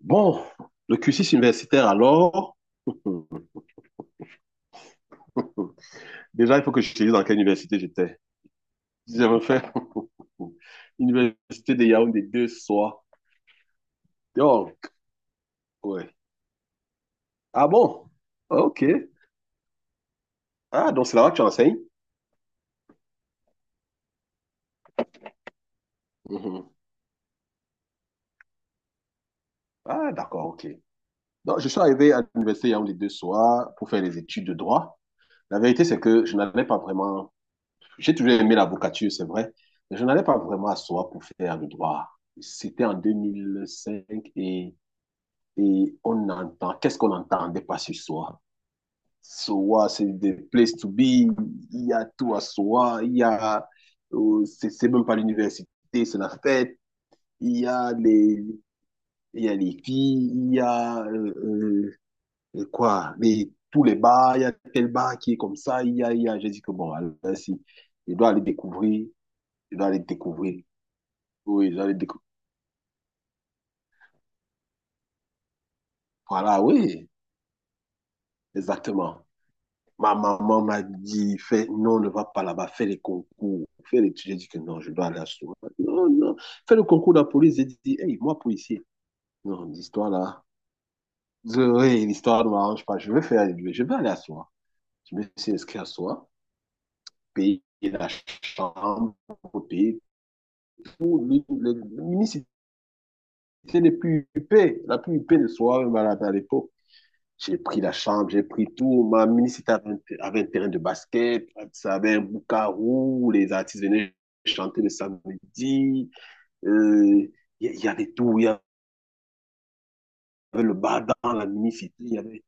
Bon, le cursus universitaire alors. Déjà, il faut que je te dise dans quelle université j'étais. Si j'avais fait l'université de Yaoundé deux soirs. Donc, ouais. Ah bon? Ok. Ah, donc c'est là-bas que tu enseignes? Mhm. Ah, d'accord, ok. Donc, je suis arrivé à l'université Yaoundé deux soirs pour faire les études de droit. La vérité, c'est que je n'allais pas vraiment. J'ai toujours aimé l'avocature, c'est vrai, mais je n'allais pas vraiment à soi pour faire le droit. C'était en 2005. Et on entend, qu'est-ce qu'on n'entendait pas ce soir? Soa, c'est des places to be, il y a tout à Soa, c'est même pas l'université, c'est la fête, il y a les, il y a les filles, quoi, tous les bars, il y a tel bar qui est comme ça, j'ai dit que bon, alors, si, je dois aller découvrir, il doit aller découvrir, oui, je dois aller découvrir, voilà, oui, exactement. Ma maman m'a dit, fais, non, ne va pas là-bas, fais les concours, fais les études. J'ai dit que non, je dois aller à Souma. Non, non, fais le concours de la police. J'ai dit, hey, moi, policier. Non, l'histoire là, oui, l'histoire ne m'arrange pas. Je vais faire, je vais aller à Souma. Je me suis inscrit à Souma, payer la chambre, payer tout. L'unicité plus huppée, la plus huppée de Souma, même à l'époque. J'ai pris la chambre, j'ai pris tout. Ma municipalité avait un, avait un terrain de basket, ça avait un boucarou, les artistes venaient chanter le samedi. Euh, il y avait tout, il y avait le bar dans la municipalité. Il y avait...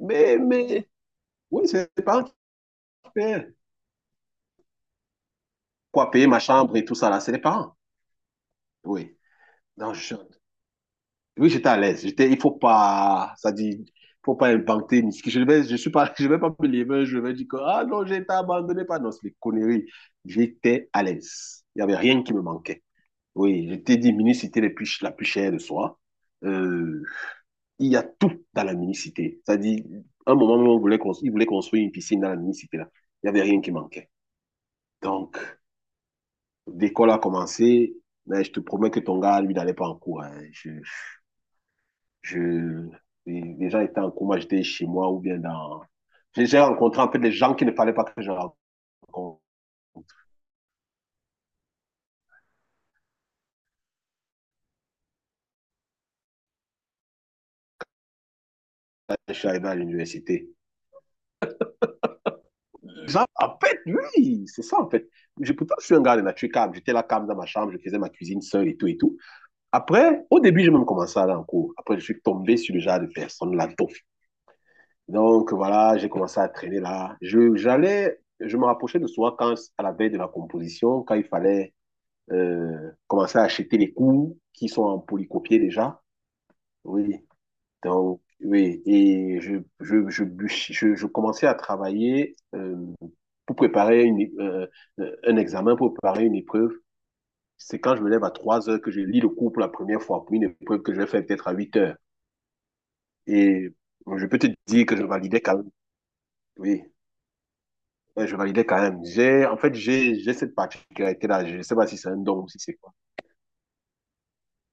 Mais, oui, c'est les parents qui paient. Quoi, payer ma chambre et tout ça, là, c'est les parents. Oui. Donc, oui, j'étais à l'aise. J'étais, il faut pas, ça dit, faut pas inventer. Ni ce que- je suis pas, je vais pas me lever, je vais dire que, ah non, j'ai été abandonné par, non, c'est les conneries. J'étais à l'aise. Il y avait rien qui me manquait. Oui, j'étais dit, minicité la plus chère de soi. Euh, il y a tout dans la minicité. Ça dit, un moment, ils voulaient construire une piscine dans la minicité, là. Il y avait rien qui manquait. Donc, l'école a commencé, mais je te promets que ton gars, lui, n'allait pas en cours, hein. Je, les, gens étaient en coma, j'étais chez moi ou bien dans. J'ai rencontré en fait des gens qui ne fallait pas que je rencontre. Je suis arrivé à l'université. En fait, oui, c'est ça en fait. Pourtant, je suis un gars de nature calme. J'étais là calme dans ma chambre, je faisais ma cuisine seule et tout et tout. Après, au début, j'ai même commencé à aller en cours. Après, je suis tombé sur le genre de personne, la toffe. Donc voilà, j'ai commencé à traîner là. Je me rapprochais de soi quand, à la veille de la composition, quand il fallait commencer à acheter les cours qui sont en polycopier déjà. Oui. Donc, oui. Et je commençais à travailler pour un examen, pour préparer une épreuve. C'est quand je me lève à 3 heures que je lis le cours pour la première fois, pour une épreuve que je vais faire peut-être à 8 heures. Et je peux te dire que je validais quand même. Oui. Ouais, je validais quand même. J'ai, en fait, j'ai cette particularité-là. Je ne sais pas si c'est un don ou si c'est quoi.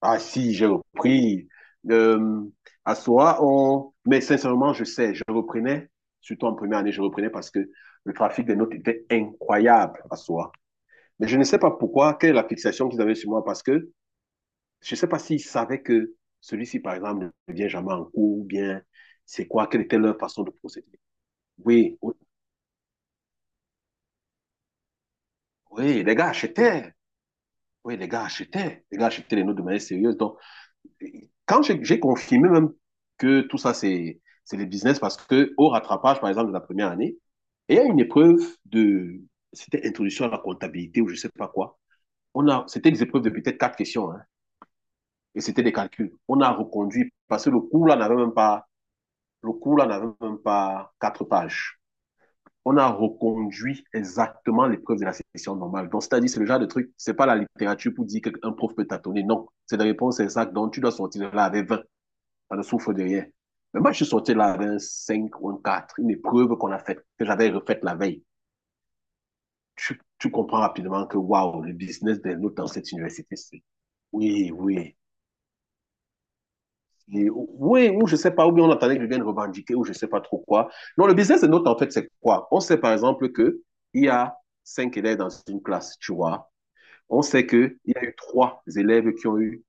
Ah si, j'ai repris. Euh, à soi, on... Mais sincèrement, je sais, je reprenais, surtout en première année, je reprenais parce que le trafic des notes était incroyable à soi. Mais je ne sais pas pourquoi, quelle est la fixation qu'ils avaient sur moi, parce que je ne sais pas s'ils savaient que celui-ci, par exemple, ne vient jamais en cours, ou bien c'est quoi, quelle était leur façon de procéder. Oui, oui, oui, les gars achetaient. Oui, les gars achetaient. Les gars achetaient les notes de manière sérieuse. Donc, quand j'ai confirmé même que tout ça, c'est les business parce que au rattrapage, par exemple, de la première année, il y a une épreuve de, c'était introduction à la comptabilité ou je ne sais pas quoi. C'était des épreuves de peut-être quatre questions, hein, et c'était des calculs. On a reconduit parce que le cours là n'avait même pas quatre pages. On a reconduit exactement l'épreuve de la session normale. Donc, c'est-à-dire, c'est le genre de truc, c'est pas la littérature pour dire qu'un prof peut tâtonner. Non. C'est la réponse exacte. Donc, tu dois sortir de là avec 20, ça ne souffre de rien. Mais moi, je suis sorti là avec un 5 ou un 4, une épreuve qu'on a faite, que j'avais refaite la veille. Tu comprends rapidement que, waouh, le business des notes dans cette université, c'est... Oui, oui. Et, oui, ou je sais pas, ou bien on attendait qu'ils viennent revendiquer, ou je sais pas trop quoi. Non, le business des notes, en fait, c'est quoi? On sait, par exemple, que il y a cinq élèves dans une classe, tu vois. On sait qu'il y a eu trois élèves qui ont eu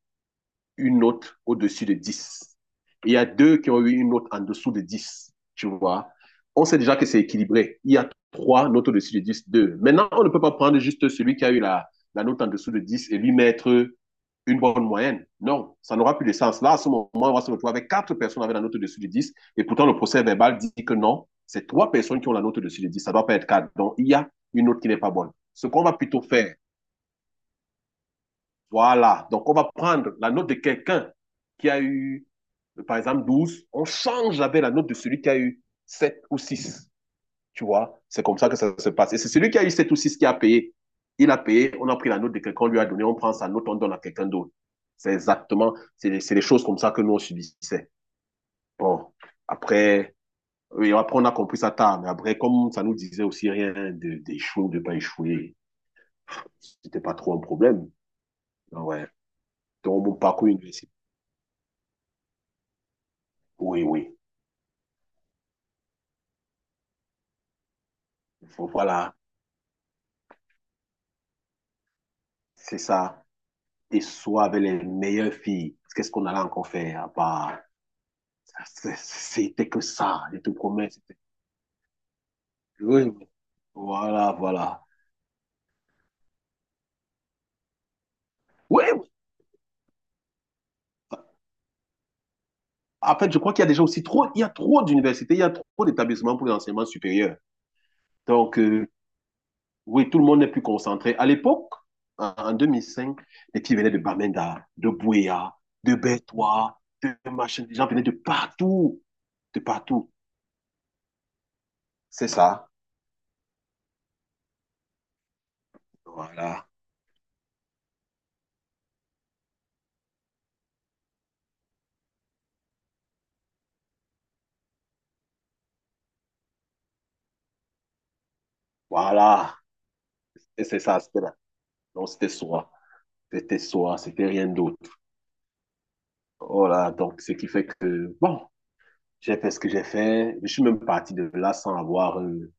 une note au-dessus de 10. Il y a deux qui ont eu une note en dessous de 10, tu vois. On sait déjà que c'est équilibré. Il y a trois notes au-dessus de 10. Deux. Maintenant, on ne peut pas prendre juste celui qui a eu la note en dessous de 10 et lui mettre une bonne moyenne. Non, ça n'aura plus de sens. Là, à ce moment, on va se retrouver avec quatre personnes avec la note au-dessus de 10 et pourtant le procès verbal dit que non, c'est trois personnes qui ont la note au-dessus de 10. Ça ne doit pas être quatre. Donc, il y a une note qui n'est pas bonne. Ce qu'on va plutôt faire, voilà. Donc, on va prendre la note de quelqu'un qui a eu, par exemple, 12. On change avec la note de celui qui a eu 7 ou 6. Tu vois, c'est comme ça que ça se passe. Et c'est celui qui a eu 7 ou 6 qui a payé. Il a payé, on a pris la note de quelqu'un, on lui a donné, on prend sa note, on donne à quelqu'un d'autre. C'est exactement, c'est les, choses comme ça que nous, on subissait. Bon, après, oui, après, on a compris ça tard, mais après, comme ça nous disait aussi rien d'échouer ou de ne pas échouer, c'était pas trop un problème. Ah ouais. Donc, mon parcours universitaire, oui, oui. Voilà, c'est ça. Et soit avec les meilleures filles. Qu'est-ce qu'on allait encore faire, bah. C'était que ça, je te promets. Oui, voilà, voilà. Oui, en fait, je crois qu'il y a déjà aussi il y a trop d'universités, il y a trop d'établissements pour l'enseignement supérieur. Donc, oui, tout le monde n'est plus concentré. À l'époque, en 2005 les filles venaient de Bamenda, de Bouéa, de Bertois, de machin. Les gens venaient de partout, de partout. C'est ça. Voilà, voilà. Et c'est ça, c'était là. Donc, c'était soi. C'était soi, c'était rien d'autre. Voilà, donc, ce qui fait que, bon, j'ai fait ce que j'ai fait. Je suis même parti de là sans avoir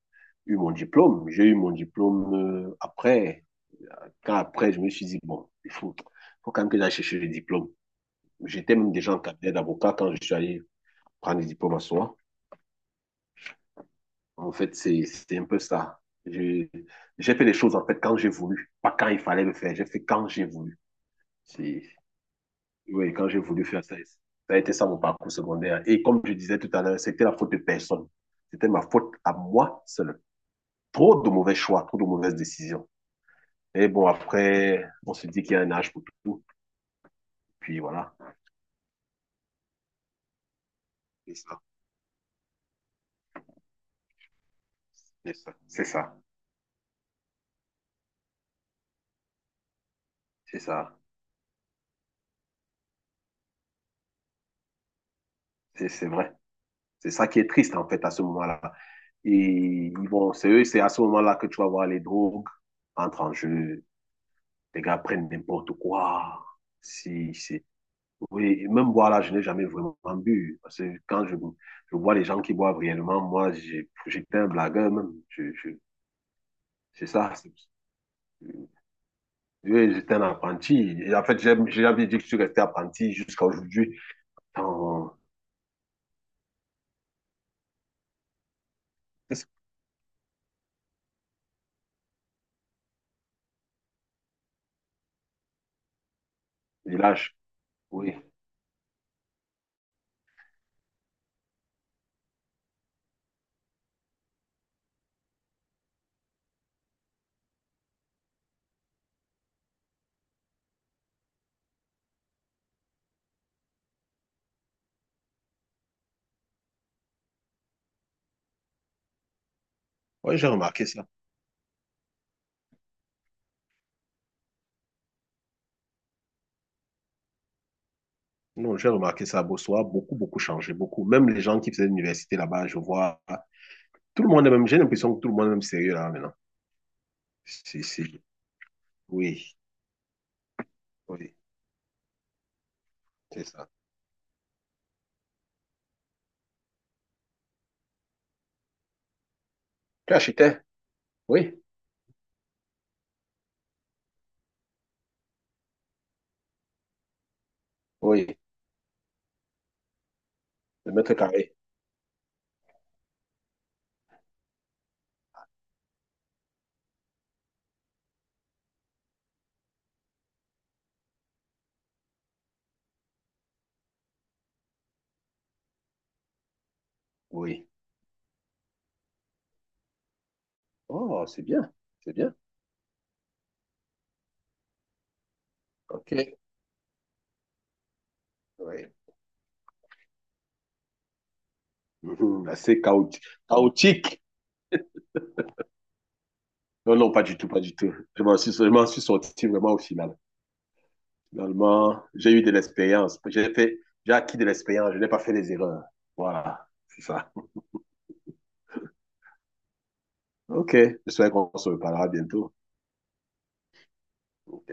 eu mon diplôme. J'ai eu mon diplôme après. Quand après, je me suis dit, bon, faut quand même que j'aille chercher le diplôme. J'étais même déjà en cabinet d'avocat quand je suis allé prendre le diplôme à soi. En fait, c'est un peu ça. Je- J'ai fait les choses, en fait, quand j'ai voulu. Pas quand il fallait le faire. J'ai fait quand j'ai voulu. C'est Oui, quand j'ai voulu faire ça, ça a été ça mon parcours secondaire. Et comme je disais tout à l'heure, c'était la faute de personne. C'était ma faute à moi seul. Trop de mauvais choix, trop de mauvaises décisions. Et bon, après, on se dit qu'il y a un âge pour tout. Puis voilà, c'est ça, c'est ça, c'est ça, c'est ça, c'est vrai. C'est ça qui est triste en fait à ce moment-là. Et ils vont, c'est eux, c'est à ce moment-là que tu vas voir les drogues entrent en jeu. Les gars prennent n'importe quoi. Si, si, oui, et même boire là, je n'ai jamais vraiment bu. Parce que quand je vois les gens qui boivent réellement, moi, j'étais un blagueur même. C'est ça. Oui, j'étais un apprenti. Et en fait, j'ai jamais dit que je suis resté apprenti jusqu'à aujourd'hui. Dans ce village, oui. Oui, j'ai remarqué ça. Non, j'ai remarqué ça à Bossoa, beaucoup, beaucoup changé, beaucoup. Même les gens qui faisaient l'université là-bas, je vois, tout le monde est même, j'ai l'impression que tout le monde est même sérieux là maintenant. Si, si. Oui, oui, c'est ça. Tu achetais? Oui, oui. Le mètre carré, oui. Oh, c'est bien, c'est bien. OK. Oui. Mhm, assez chaotique. Chaotique. Non, non, pas du tout, pas du tout. Je m'en suis sorti vraiment au final. Finalement, j'ai eu de l'expérience. J'ai acquis de l'expérience. Je n'ai pas fait les erreurs. Voilà, c'est ça. OK. J'espère qu'on se reparlera bientôt. OK.